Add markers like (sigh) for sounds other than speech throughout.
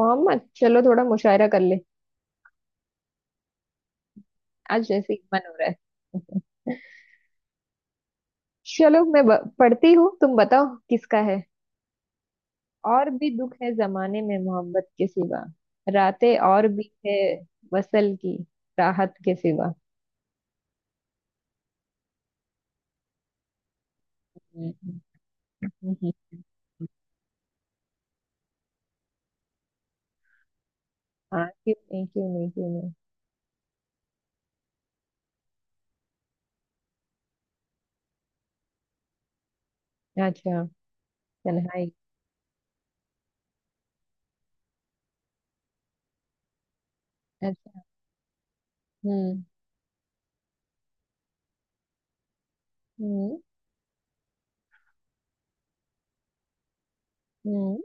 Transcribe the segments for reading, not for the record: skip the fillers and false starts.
मोहम्मद चलो थोड़ा मुशायरा कर ले। आज जैसे ही मन हो रहा है। (laughs) चलो मैं पढ़ती हूँ, तुम बताओ किसका है। और भी दुख है जमाने में मोहब्बत के सिवा, रातें और भी है वसल की राहत के सिवा। हम्म, हम्म, हम्म। हाँ क्यों नहीं क्यों नहीं क्यों नहीं। अच्छा। तन्हाई। अच्छा। हम्म। हम्म। हम्म।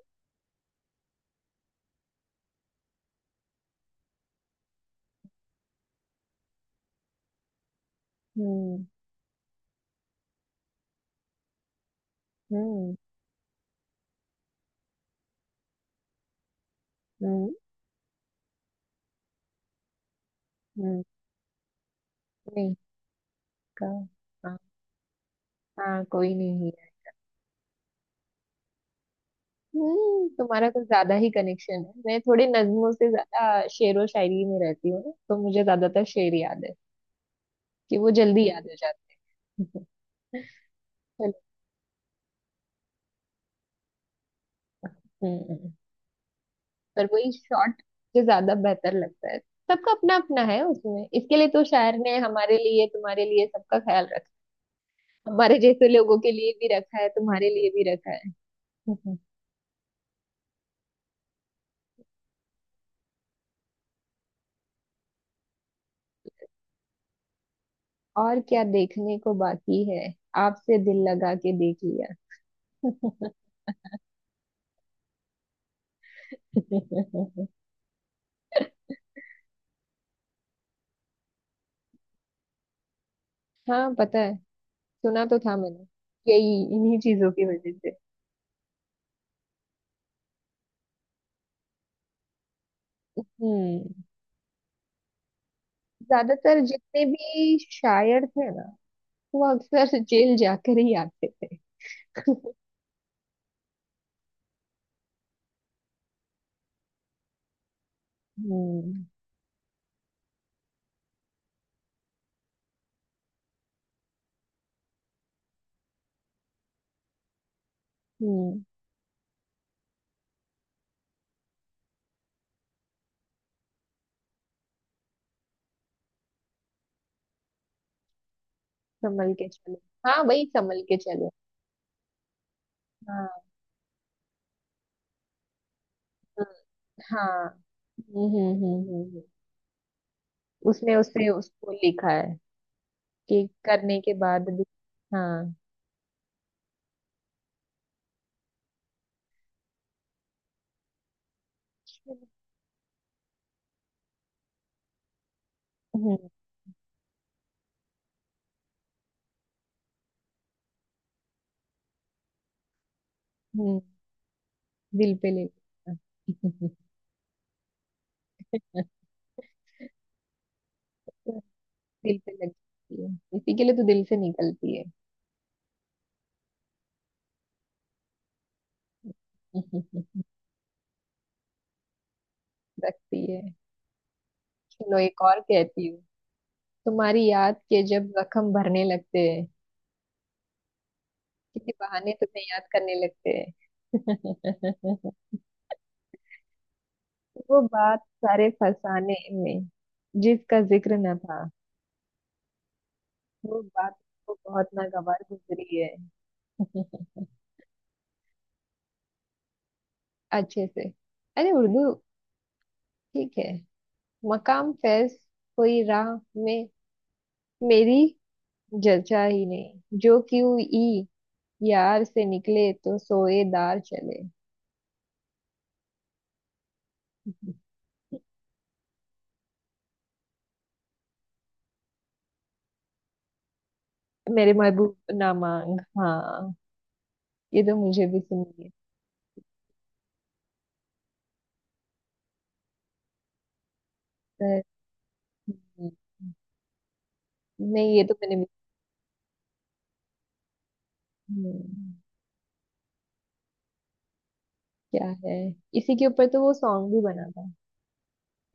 हम्म। हम्म। हम्म। हम्म, नहीं का। हाँ। हाँ कोई नहीं। हम्म, तुम्हारा कुछ ज्यादा ही कनेक्शन है। मैं थोड़े नज्मों से ज्यादा शेरो शायरी में रहती हूँ ना, तो मुझे ज्यादातर शेर याद है, कि वो जल्दी याद हो जाता है। (laughs) चलो। हम्म। पर वही शॉर्ट मुझे ज्यादा बेहतर लगता है। सबका अपना अपना है उसमें, इसके लिए तो शायर ने हमारे लिए तुम्हारे लिए सबका ख्याल रखा। हमारे जैसे लोगों के लिए भी रखा है, तुम्हारे लिए भी रखा है। (laughs) हम्म, और क्या देखने को बाकी है। आपसे दिल लगा के देख लिया। (laughs) हाँ पता है। सुना तो था मैंने। यही इन्हीं चीजों की वजह से। हम्म। ज्यादातर जितने भी शायर थे ना, वो अक्सर जेल जाकर ही आते थे। (laughs) हम्म। हम्म। संभल के चलो। हाँ भाई संभल के चलो। हाँ। हाँ। हाँ, हम्म। हम्म। उसने उससे उसको लिखा है, कि करने के बाद भी। हाँ। हम्म। हम्म, दिल पे ले। (laughs) दिल पे लग जाती है, इसी के लिए तो दिल से निकलती है। रखती है। चलो एक और कहती हूँ। तुम्हारी याद के जब जख्म भरने लगते हैं, किसी बहाने तुम्हें याद करने लगते हैं। (laughs) वो बात सारे फसाने में जिसका जिक्र न था, वो बात को बहुत नागवार गुजरी है। (laughs) अच्छे से। अरे उर्दू। ठीक है। मकाम फैज कोई राह में मेरी जचा ही नहीं, जो क्यों ई यार से निकले तो सोए दार चले। मेरे महबूब ना मांग, हाँ। ये तो मुझे भी सुननी है। पर, हम्म, नहीं ये तो मैंने भी। हम्म, क्या है। इसी के ऊपर तो वो सॉन्ग भी बना था।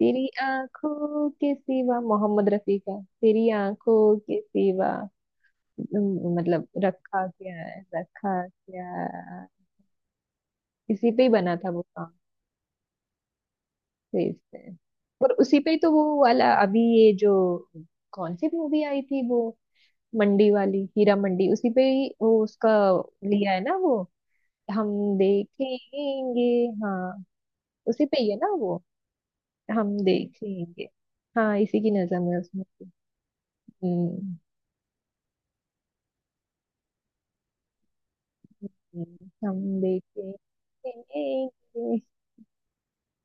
तेरी आंखों के सिवा, मोहम्मद रफी का, तेरी आंखों के सिवा। मतलब रखा क्या है रखा क्या है। इसी पे ही बना था वो सॉन्ग। तेज से। और उसी पे ही तो वो वाला अभी, ये जो कौन सी मूवी आई थी वो? मंडी वाली, हीरा मंडी। उसी पे ही वो उसका लिया है ना वो। हम देखेंगे। हाँ उसी पे ही है ना वो। हम देखेंगे। हाँ इसी की नजम है उसमें। हम्म। हम देखेंगे।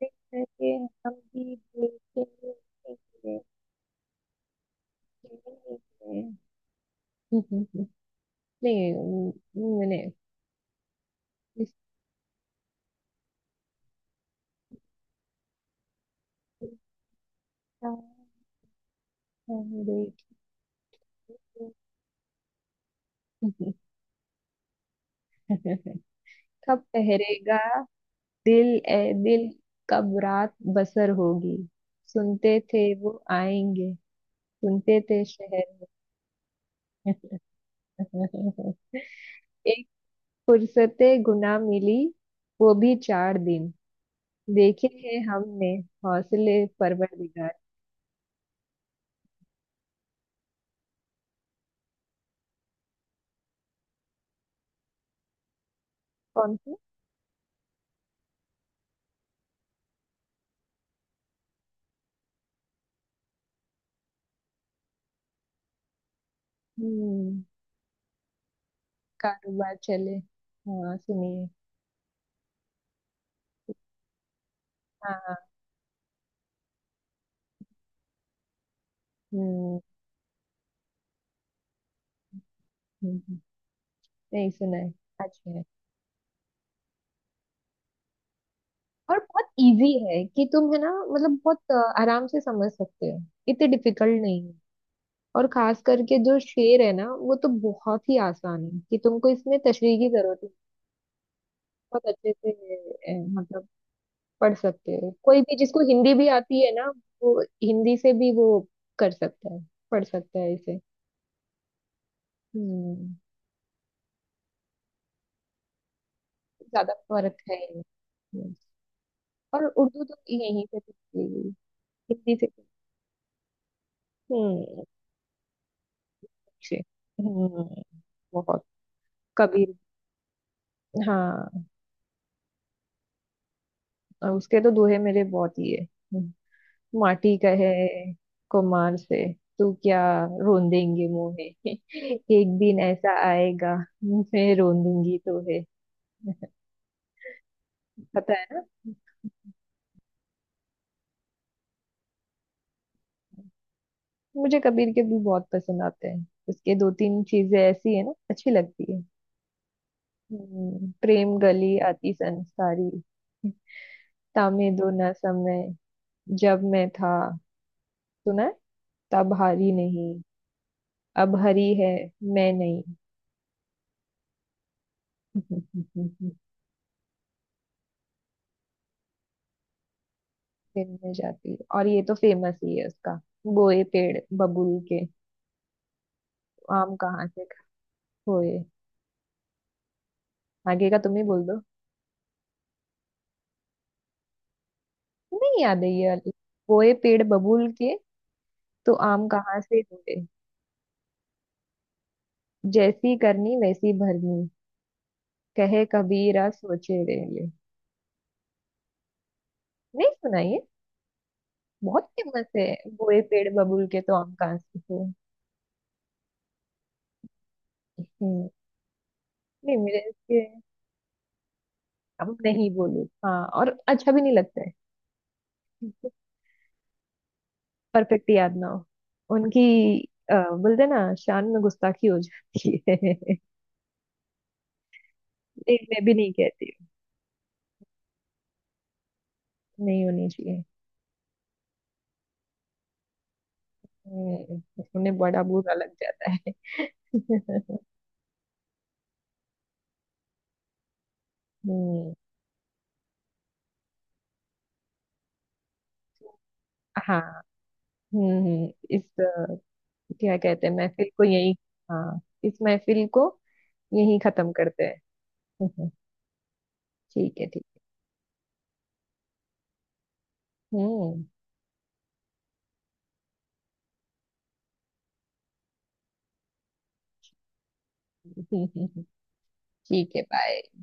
देखेंगे, हम भी देखेंगे। देखेंगे। हम्म, हम्म, हम्म, नहीं मैंने। इसका। हम देखेंगे। (laughs) कब ठहरेगा दिल ए दिल, कब रात बसर होगी। सुनते थे वो आएंगे, सुनते थे शहर। (laughs) एक फुर्सते गुना मिली, वो भी चार दिन। देखे हैं हमने हौसले परवरदिगार। कौन से। हम्म। कारोबार चले। हाँ सुनिए। हाँ। हाँ, हम्म। हम्म, हम्म, नहीं सुना है। अच्छा है। और बहुत इजी है कि तुम है ना, मतलब बहुत आराम से समझ सकते हो। इतने डिफिकल्ट नहीं। और खास करके जो शेर है ना, वो तो बहुत ही आसान है, कि तुमको इसमें तशरीह की जरूरत है। बहुत अच्छे से मतलब पढ़ सकते हो। कोई भी जिसको हिंदी भी आती है ना, वो हिंदी से भी वो कर सकता है, पढ़ सकता है इसे। हम्म। ज्यादा फर्क है ही नहीं। हम्म, और उर्दू तो यहीं से सीखी हुई, हिंदी से तो। हम्म। अच्छे। हम्म। बहुत। कबीर। हाँ। और उसके तो दोहे मेरे बहुत ही है। माटी कहे कुम्हार से, तू क्या रोंदेंगे मुझे। (laughs) एक दिन ऐसा आएगा मैं रोंदूंगी तो है। (laughs) पता है ना। मुझे कबीर के भी बहुत पसंद आते हैं। उसके दो तीन चीजें ऐसी है ना, अच्छी लगती है। प्रेम गली आती संसारी, तामे दो न समय। जब मैं था। सुना है? तब हारी नहीं, अब हरी है मैं नहीं। (laughs) दिन में जाती है। और ये तो फेमस ही है उसका। गोए पेड़ बबूल के, आम कहाँ से खोए। आगे का तुम ही बोल दो। नहीं याद है ये वाली? गोए पेड़ बबूल के तो आम कहाँ से ढूंढे। जैसी करनी वैसी भरनी, कहे कबीरा सोचे रे। ये नहीं सुना ये? बहुत फेमस है। गोए पेड़ बबूल के तो आम कहाँ से खोए। हम्म। नहीं मेरे इसके, अब नहीं बोलू। हाँ, और अच्छा भी नहीं लगता है परफेक्ट याद ना हो। उनकी बोलते ना शान में गुस्ताखी हो जाती है। (laughs) नहीं मैं भी नहीं कहती हूँ, नहीं होनी चाहिए। हम्म, उन्हें बड़ा बुरा लग जाता है। (laughs) हम्म। हाँ। हम्म। इस क्या कहते हैं महफिल को, यही। हाँ, इस महफिल को यही खत्म करते हैं। (laughs) ठीक है, ठीक। हम्म। (laughs) ठीक है, बाय।